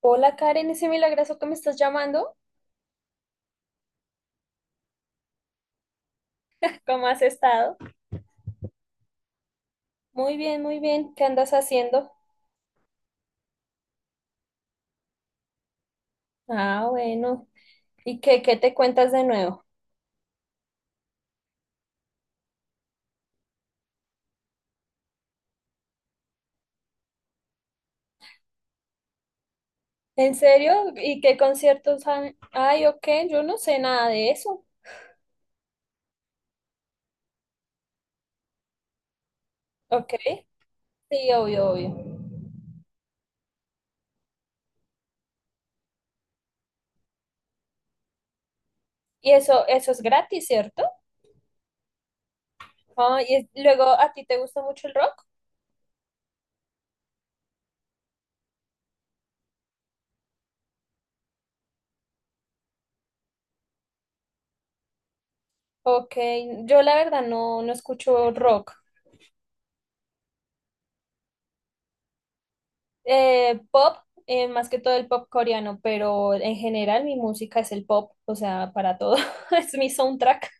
Hola Karen, ese milagroso que me estás llamando, ¿cómo has estado? Muy bien, ¿qué andas haciendo? Ah, bueno, ¿y qué te cuentas de nuevo? ¿En serio? ¿Y qué conciertos han? Ay, ok, yo no sé nada de eso. Ok, sí, obvio, obvio. Y eso es gratis, ¿cierto? Ah, luego, ¿a ti te gusta mucho el rock? Ok, yo la verdad no escucho rock. Pop, más que todo el pop coreano, pero en general mi música es el pop, o sea, para todo, es mi soundtrack.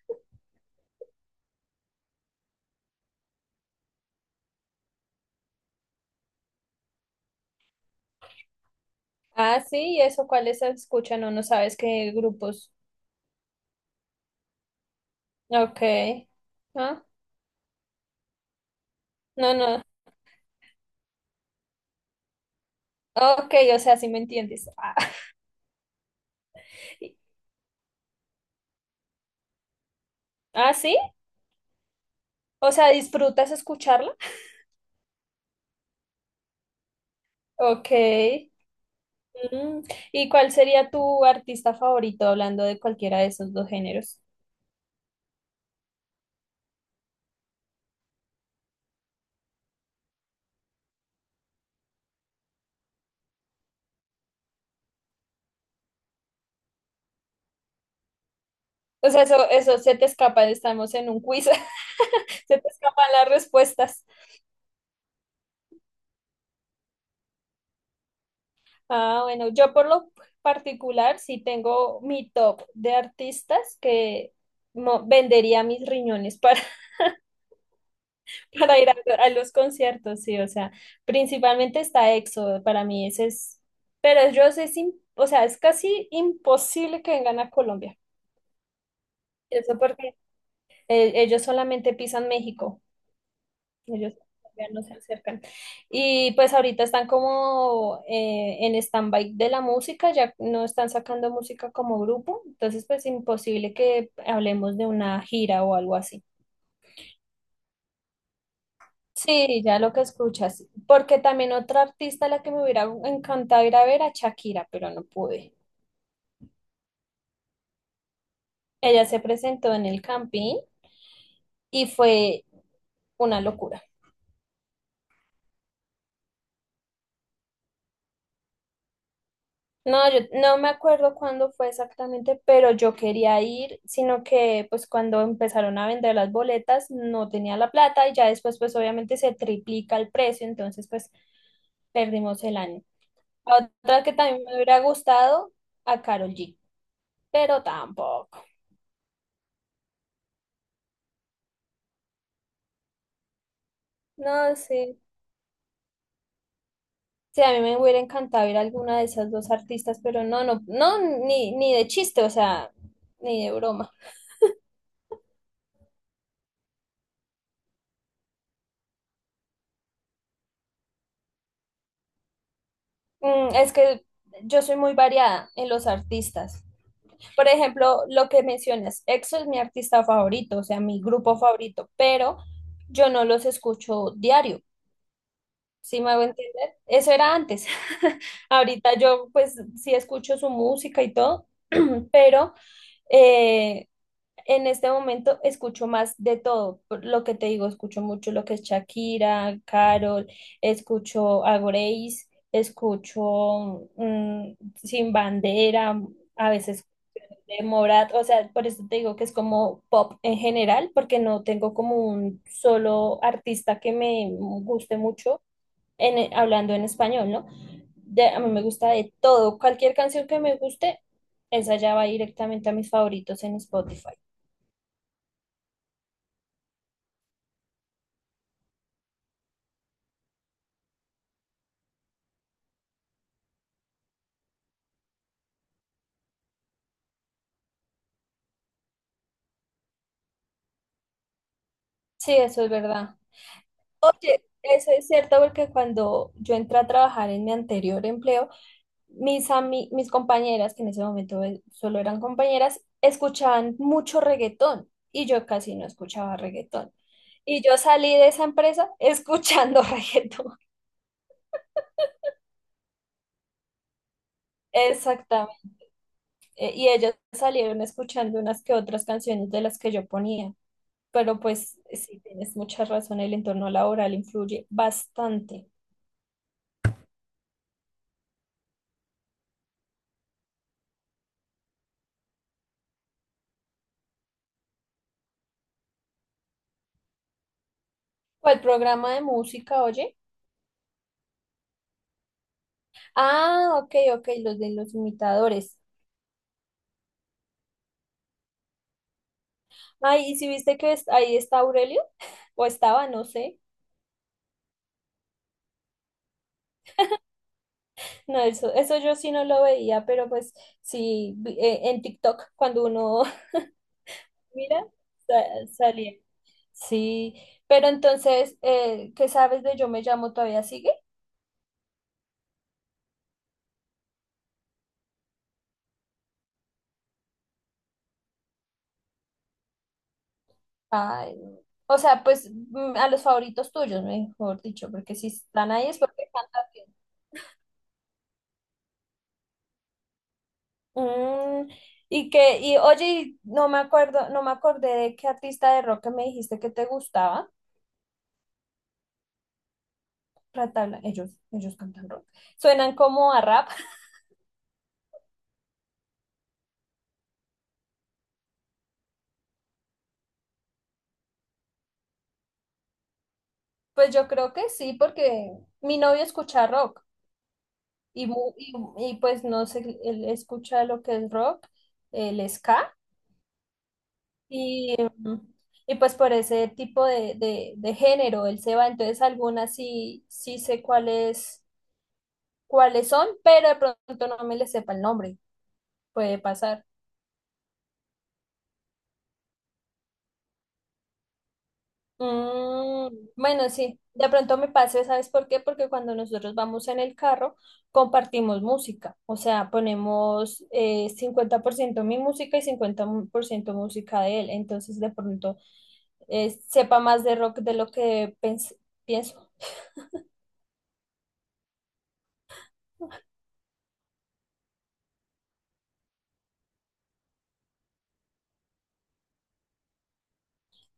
Ah, sí, ¿y eso cuáles se escuchan? No, no sabes qué grupos. Ok. Ah, no. Ok, o sea, sí me entiendes. Ah, ah, sí, o sea, ¿disfrutas escucharla? Ok. Mm, ¿y cuál sería tu artista favorito hablando de cualquiera de esos dos géneros? O sea, eso se te escapa, estamos en un quiz, se te escapan las respuestas. Ah, bueno, yo por lo particular sí tengo mi top de artistas que vendería mis riñones para, para ir a los conciertos, sí, o sea, principalmente está EXO, para mí ese es, pero ellos es, o sea, es casi imposible que vengan a Colombia, eso porque ellos solamente pisan México. Ellos todavía no se acercan. Y pues ahorita están como en stand-by de la música, ya no están sacando música como grupo, entonces pues imposible que hablemos de una gira o algo así. Sí, ya lo que escuchas, porque también otra artista a la que me hubiera encantado ir a ver a Shakira, pero no pude. Ella se presentó en el Campín y fue una locura. No, yo no me acuerdo cuándo fue exactamente, pero yo quería ir, sino que pues cuando empezaron a vender las boletas no tenía la plata y ya después pues obviamente se triplica el precio, entonces pues perdimos el año. Otra que también me hubiera gustado, a Carol G, pero tampoco. No, sí. Sí, a mí me hubiera encantado ir a alguna de esas dos artistas, pero no, ni de chiste, o sea, ni de broma. Mm, es que yo soy muy variada en los artistas. Por ejemplo, lo que mencionas, EXO es mi artista favorito, o sea, mi grupo favorito, pero yo no los escucho diario, ¿sí me hago entender? Eso era antes. Ahorita yo pues sí escucho su música y todo, pero eh, en este momento escucho más de todo. Por lo que te digo, escucho mucho lo que es Shakira, Carol, escucho a Grace, escucho mm, Sin Bandera, a veces de Morat, o sea, por eso te digo que es como pop en general, porque no tengo como un solo artista que me guste mucho en, hablando en español, ¿no? A mí me gusta de todo, cualquier canción que me guste, esa ya va directamente a mis favoritos en Spotify. Sí, eso es verdad. Oye, eso es cierto porque cuando yo entré a trabajar en mi anterior empleo, mis compañeras, que en ese momento solo eran compañeras, escuchaban mucho reggaetón y yo casi no escuchaba reggaetón. Y yo salí de esa empresa escuchando reggaetón. Exactamente. Y ellas salieron escuchando unas que otras canciones de las que yo ponía. Pero pues sí, tienes mucha razón, el entorno laboral influye bastante. ¿Cuál programa de música, oye? Ah, ok, ok, los de los imitadores. Ay, ¿y si viste que ahí está Aurelio? O estaba, no sé. No, eso yo sí no lo veía, pero pues sí, en TikTok cuando uno mira, salía. Sí, pero entonces, ¿qué sabes de Yo me llamo todavía sigue? Ay, no, o sea, pues mm, a los favoritos tuyos, mejor dicho, porque si están ahí es porque cantan bien. Mm, y que, y oye, y no me acuerdo, no me acordé de qué artista de rock que me dijiste que te gustaba. Ratabla, ellos cantan rock. Suenan como a rap. Pues yo creo que sí, porque mi novio escucha rock y, y pues no sé, él escucha lo que es rock, el ska, y, mm, y pues por ese tipo de género él se va, entonces algunas sí, sí sé cuáles, cuáles son, pero de pronto no me le sepa el nombre, puede pasar. Mm, bueno, sí, de pronto me pase, ¿sabes por qué? Porque cuando nosotros vamos en el carro, compartimos música, o sea, ponemos 50% mi música y 50% música de él, entonces de pronto sepa más de rock de lo que pienso.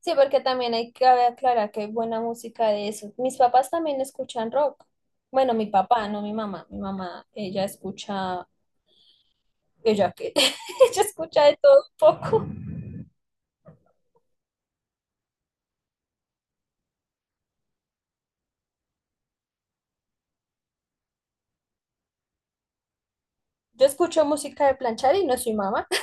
Sí, porque también hay que aclarar que hay buena música de eso. Mis papás también escuchan rock. Bueno, mi papá, no mi mamá. Mi mamá, ella escucha, ella escucha de todo un poco. Yo escucho música de planchar y no soy mamá.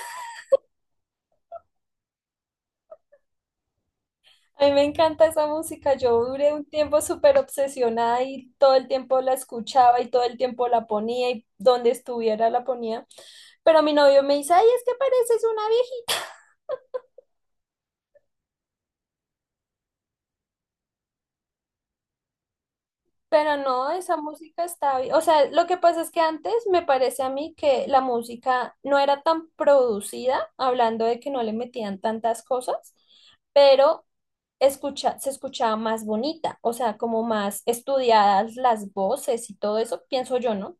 A mí me encanta esa música. Yo duré un tiempo súper obsesionada y todo el tiempo la escuchaba y todo el tiempo la ponía y donde estuviera la ponía. Pero mi novio me dice, ay, es que pareces una. Pero no, esa música está bien. O sea, lo que pasa es que antes me parece a mí que la música no era tan producida, hablando de que no le metían tantas cosas, pero se escuchaba más bonita, o sea, como más estudiadas las voces y todo eso, pienso yo, ¿no?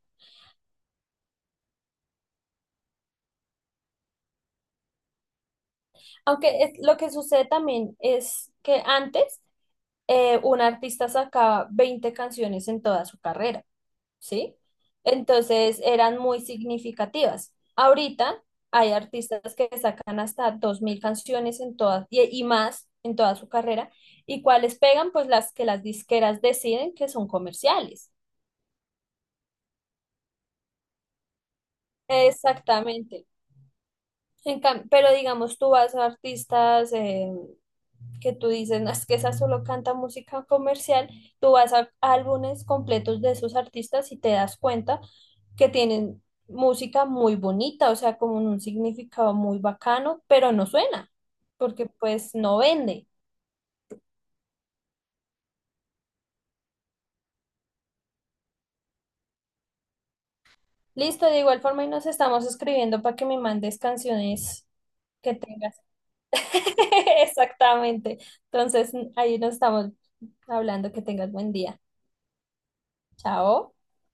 Lo que sucede también es que antes un artista sacaba 20 canciones en toda su carrera. ¿Sí? Entonces eran muy significativas. Ahorita hay artistas que sacan hasta 2000 canciones en todas y más en toda su carrera. ¿Y cuáles pegan? Pues las que las disqueras deciden que son comerciales. Exactamente. Pero digamos, tú vas a artistas, que tú dices, no, es que esa solo canta música comercial, tú vas a álbumes completos de esos artistas y te das cuenta que tienen música muy bonita, o sea, como un significado muy bacano, pero no suena, porque pues no vende. Listo, de igual forma y nos estamos escribiendo para que me mandes canciones que tengas. Exactamente. Entonces, ahí nos estamos hablando, que tengas buen día. Chao.